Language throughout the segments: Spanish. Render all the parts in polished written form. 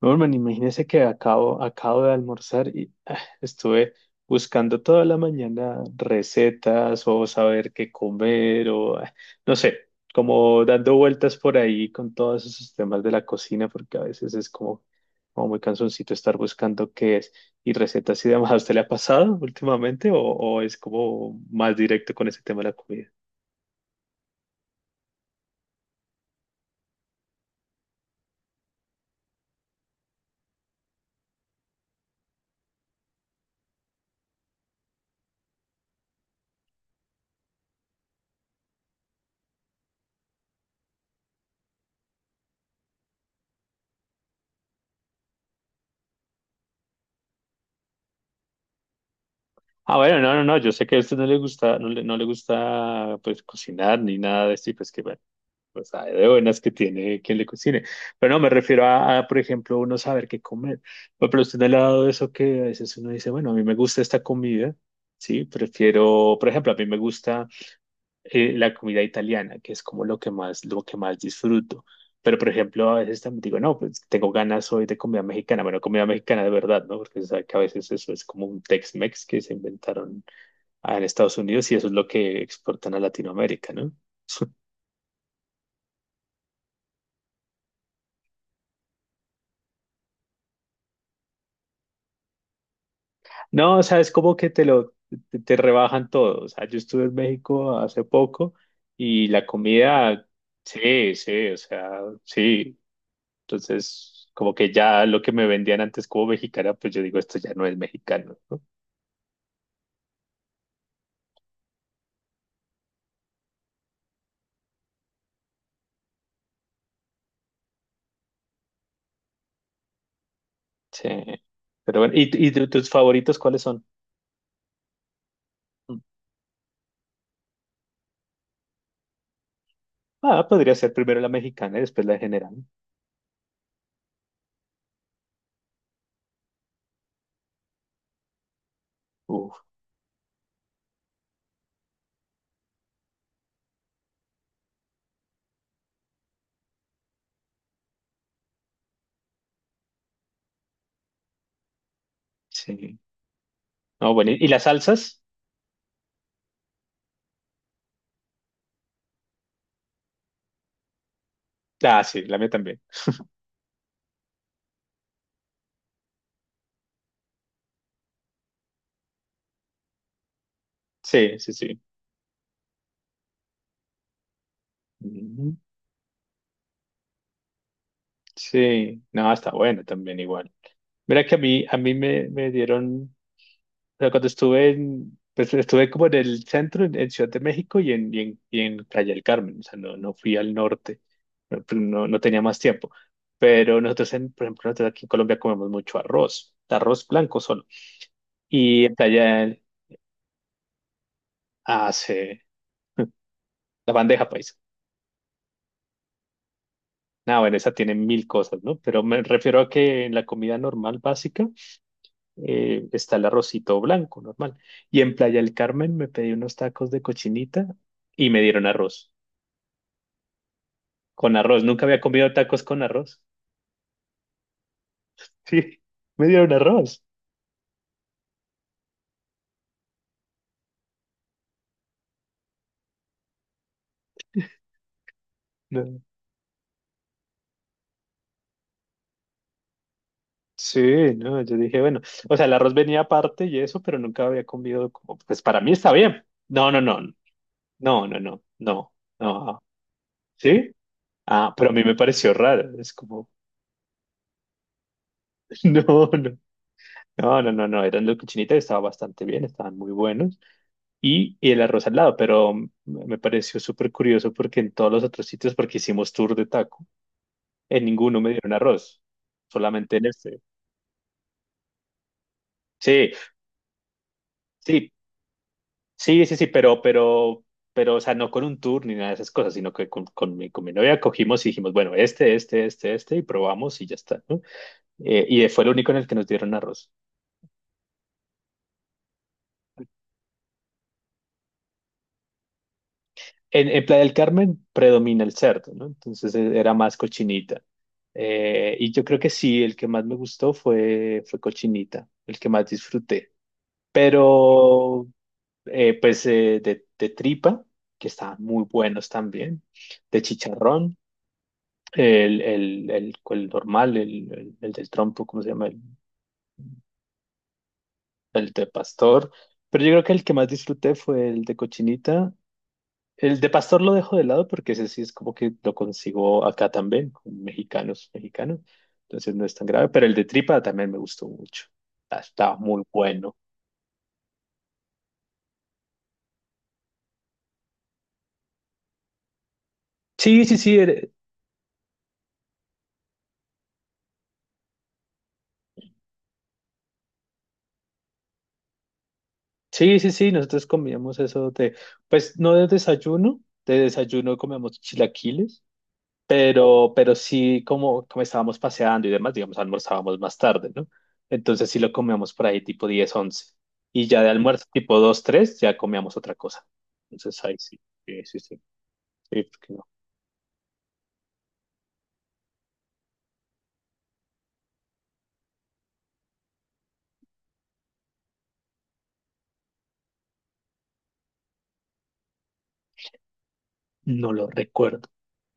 Norman, imagínese que acabo de almorzar y estuve buscando toda la mañana recetas o saber qué comer o no sé, como dando vueltas por ahí con todos esos temas de la cocina porque a veces es como muy cansoncito estar buscando qué es y recetas y demás. ¿A usted le ha pasado últimamente o es como más directo con ese tema de la comida? Ah, bueno, no, no, no, yo sé que a usted no le gusta, no le gusta pues cocinar ni nada de esto y pues que bueno. Pues hay de buenas que tiene quien le cocine. Pero no, me refiero a, por ejemplo, uno saber qué comer. Bueno, pero usted no le ha dado eso que a veces uno dice, bueno, a mí me gusta esta comida, ¿sí? Prefiero, por ejemplo, a mí me gusta la comida italiana, que es como lo que más disfruto. Pero, por ejemplo, a veces también digo, no, pues tengo ganas hoy de comida mexicana. Bueno, comida mexicana de verdad, ¿no? Porque se sabe que a veces eso es como un Tex-Mex que se inventaron en Estados Unidos y eso es lo que exportan a Latinoamérica, ¿no? No, o sea, es como que te rebajan todo. O sea, yo estuve en México hace poco y la comida, sí, sí, o sea, sí. Entonces, como que ya lo que me vendían antes como mexicana, pues yo digo, esto ya no es mexicano, ¿no? Sí. Pero bueno, ¿y tus favoritos cuáles son? Mm. Ah, podría ser primero la mexicana y después la de general. Uf, sí. No, bueno, ¿y las salsas? Ah, sí, la mía también. Sí, sí, sí. Ujú. Sí, no, está bueno también igual. Mira que a mí me dieron, o sea, cuando estuve como en el centro, en Ciudad de México y en Playa del Carmen, o sea, no, no fui al norte, no, pues, no, no tenía más tiempo. Pero nosotros, por ejemplo, nosotros aquí en Colombia comemos mucho arroz, arroz blanco solo. Y en hace la bandeja paisa. Ah, bueno, esa tiene mil cosas, ¿no? Pero me refiero a que en la comida normal básica está el arrocito blanco, normal. Y en Playa del Carmen me pedí unos tacos de cochinita y me dieron arroz. Con arroz, nunca había comido tacos con arroz. Sí, me dieron arroz. No, sí, no, yo dije, bueno, o sea, el arroz venía aparte y eso, pero nunca había comido como, pues para mí está bien. No, no, no, no, no, no, no, no. ¿Sí? Ah, pero a mí me pareció raro. Es como, no, no. No, no, no, no, eran los cochinitas, estaban bastante bien, estaban muy buenos. Y el arroz al lado, pero me pareció súper curioso porque en todos los otros sitios, porque hicimos tour de taco, en ninguno me dieron arroz, solamente en este. Sí, sí, sí, sí, sí, pero, o sea, no con un tour ni nada de esas cosas, sino que con mi novia cogimos y dijimos, bueno, este, y probamos y ya está, ¿no? Y fue el único en el que nos dieron arroz. En Playa del Carmen predomina el cerdo, ¿no? Entonces era más cochinita. Y yo creo que sí, el que más me gustó fue cochinita, el que más disfruté. Pero, pues, de tripa, que estaban muy buenos también, de chicharrón, el normal, el del trompo, ¿cómo se llama? El de pastor. Pero yo creo que el que más disfruté fue el de cochinita. El de pastor lo dejo de lado porque ese sí es como que lo consigo acá también, con mexicanos, mexicanos. Entonces no es tan grave, pero el de tripa también me gustó mucho. Ah, estaba muy bueno. Sí, sí, sí, sí, sí, sí, nosotros comíamos eso de, pues no de desayuno, de desayuno comíamos chilaquiles. Pero sí, como estábamos paseando y demás, digamos, almorzábamos más tarde, ¿no? Entonces sí lo comíamos por ahí tipo 10 11. Y ya de almuerzo tipo 2 3 ya comíamos otra cosa. Entonces ahí sí, sí, sí, sí, sí, porque no, no lo recuerdo.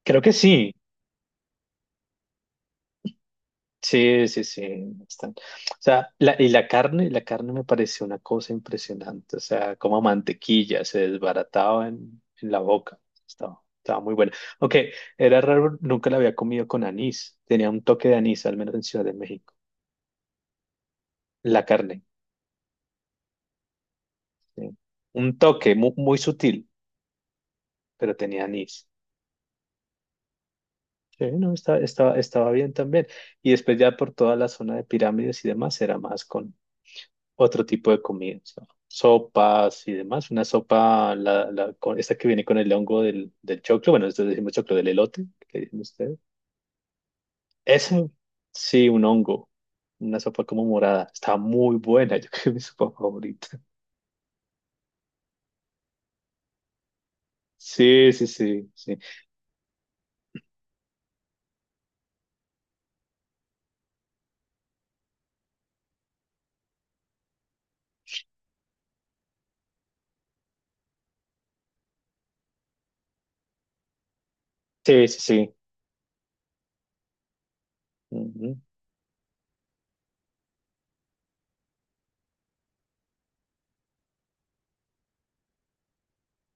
Creo que sí, sí, sí, sí, bastante. O sea, y la carne me pareció una cosa impresionante. O sea, como mantequilla se desbarataba en la boca. Estaba muy buena. Aunque era raro, nunca la había comido con anís. Tenía un toque de anís, al menos en Ciudad de México. La carne, sí. Un toque muy, sutil, pero tenía anís. Sí, no, estaba bien también. Y después ya por toda la zona de pirámides y demás, era más otro tipo de comida, o sea, sopas y demás. Una sopa, esta que viene con el hongo del choclo, bueno, nosotros decimos choclo del elote, que le dicen ustedes. Eso, sí, un hongo, una sopa como morada. Está muy buena, yo creo que es mi sopa favorita. Sí, sí, sí, sí, sí, sí, sí. Ujú.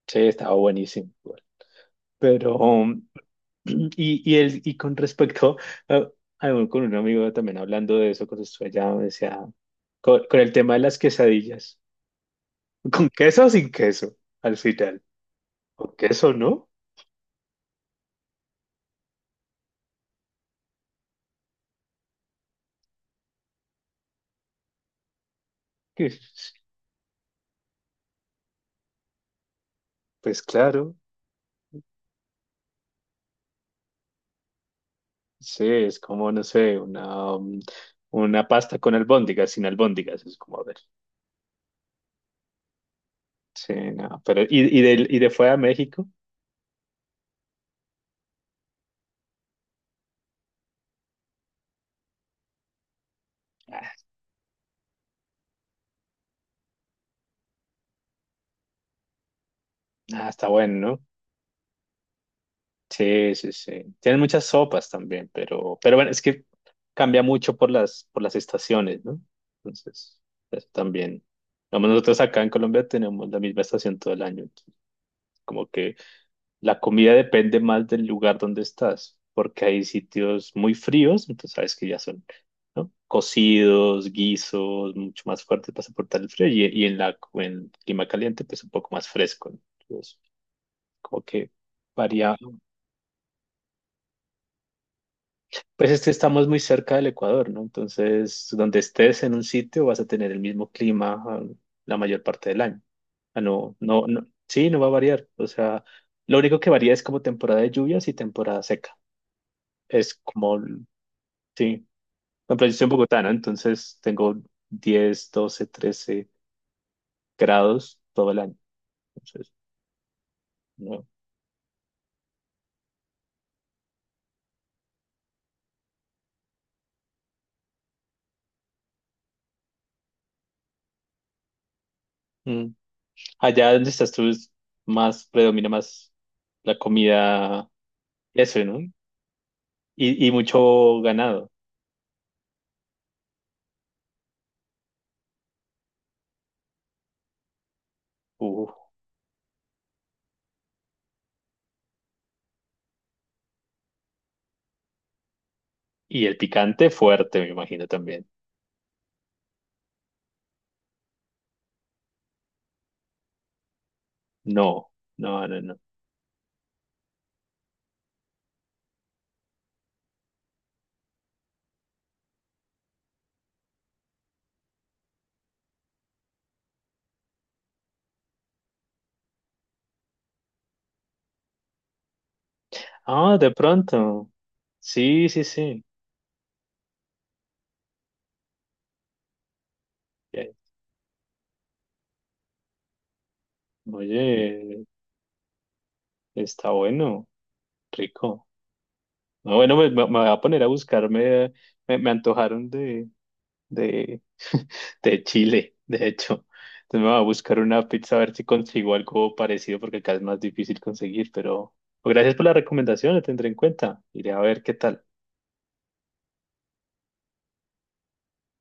Sí, estaba buenísimo. Igual. Pero, y con respecto, a- con un amigo también hablando de eso, cuando estuve allá, me decía, con el tema de las quesadillas. ¿Con queso o sin queso? Al final. ¿Con queso, no? Que- Pues claro, sí, es como, no sé, una pasta con albóndigas, sin albóndigas, es como, a ver. Sí, no, pero, ¿y de fuera a México? Ah, ah, está bueno, ¿no? Sí, sí, sí. Tienen muchas sopas también, pero bueno, es que cambia mucho por las estaciones, ¿no? Entonces, eso también. Digamos, nosotros acá en Colombia tenemos la misma estación todo el año, entonces, como que la comida depende más del lugar donde estás, porque hay sitios muy fríos, entonces sabes que ya son, ¿no? Cocidos, guisos, mucho más fuertes para soportar el frío, y en clima caliente, pues un poco más fresco, ¿no? Entonces, como que varía. Pues es que estamos muy cerca del Ecuador, ¿no? Entonces, donde estés en un sitio vas a tener el mismo clima, la mayor parte del año. Ah, no, no, no, sí, no va a variar. O sea, lo único que varía es como temporada de lluvias y temporada seca, es como. Sí, no, pero yo soy bogotano, entonces tengo 10, 12, 13 grados todo el año. Entonces, no. Mm. Allá donde estás tú es más, predomina más la comida, eso, ¿no? Y mucho ganado. Uf. Y el picante fuerte, me imagino también. No, no, no, no. Ah, de pronto. Sí, sí, sí. Ya. Oye, está bueno, rico. No, bueno, me voy a poner a buscarme. Me antojaron de, de Chile, de hecho. Entonces me voy a buscar una pizza a ver si consigo algo parecido porque acá es más difícil conseguir, pero gracias por la recomendación, la tendré en cuenta. Iré a ver qué tal.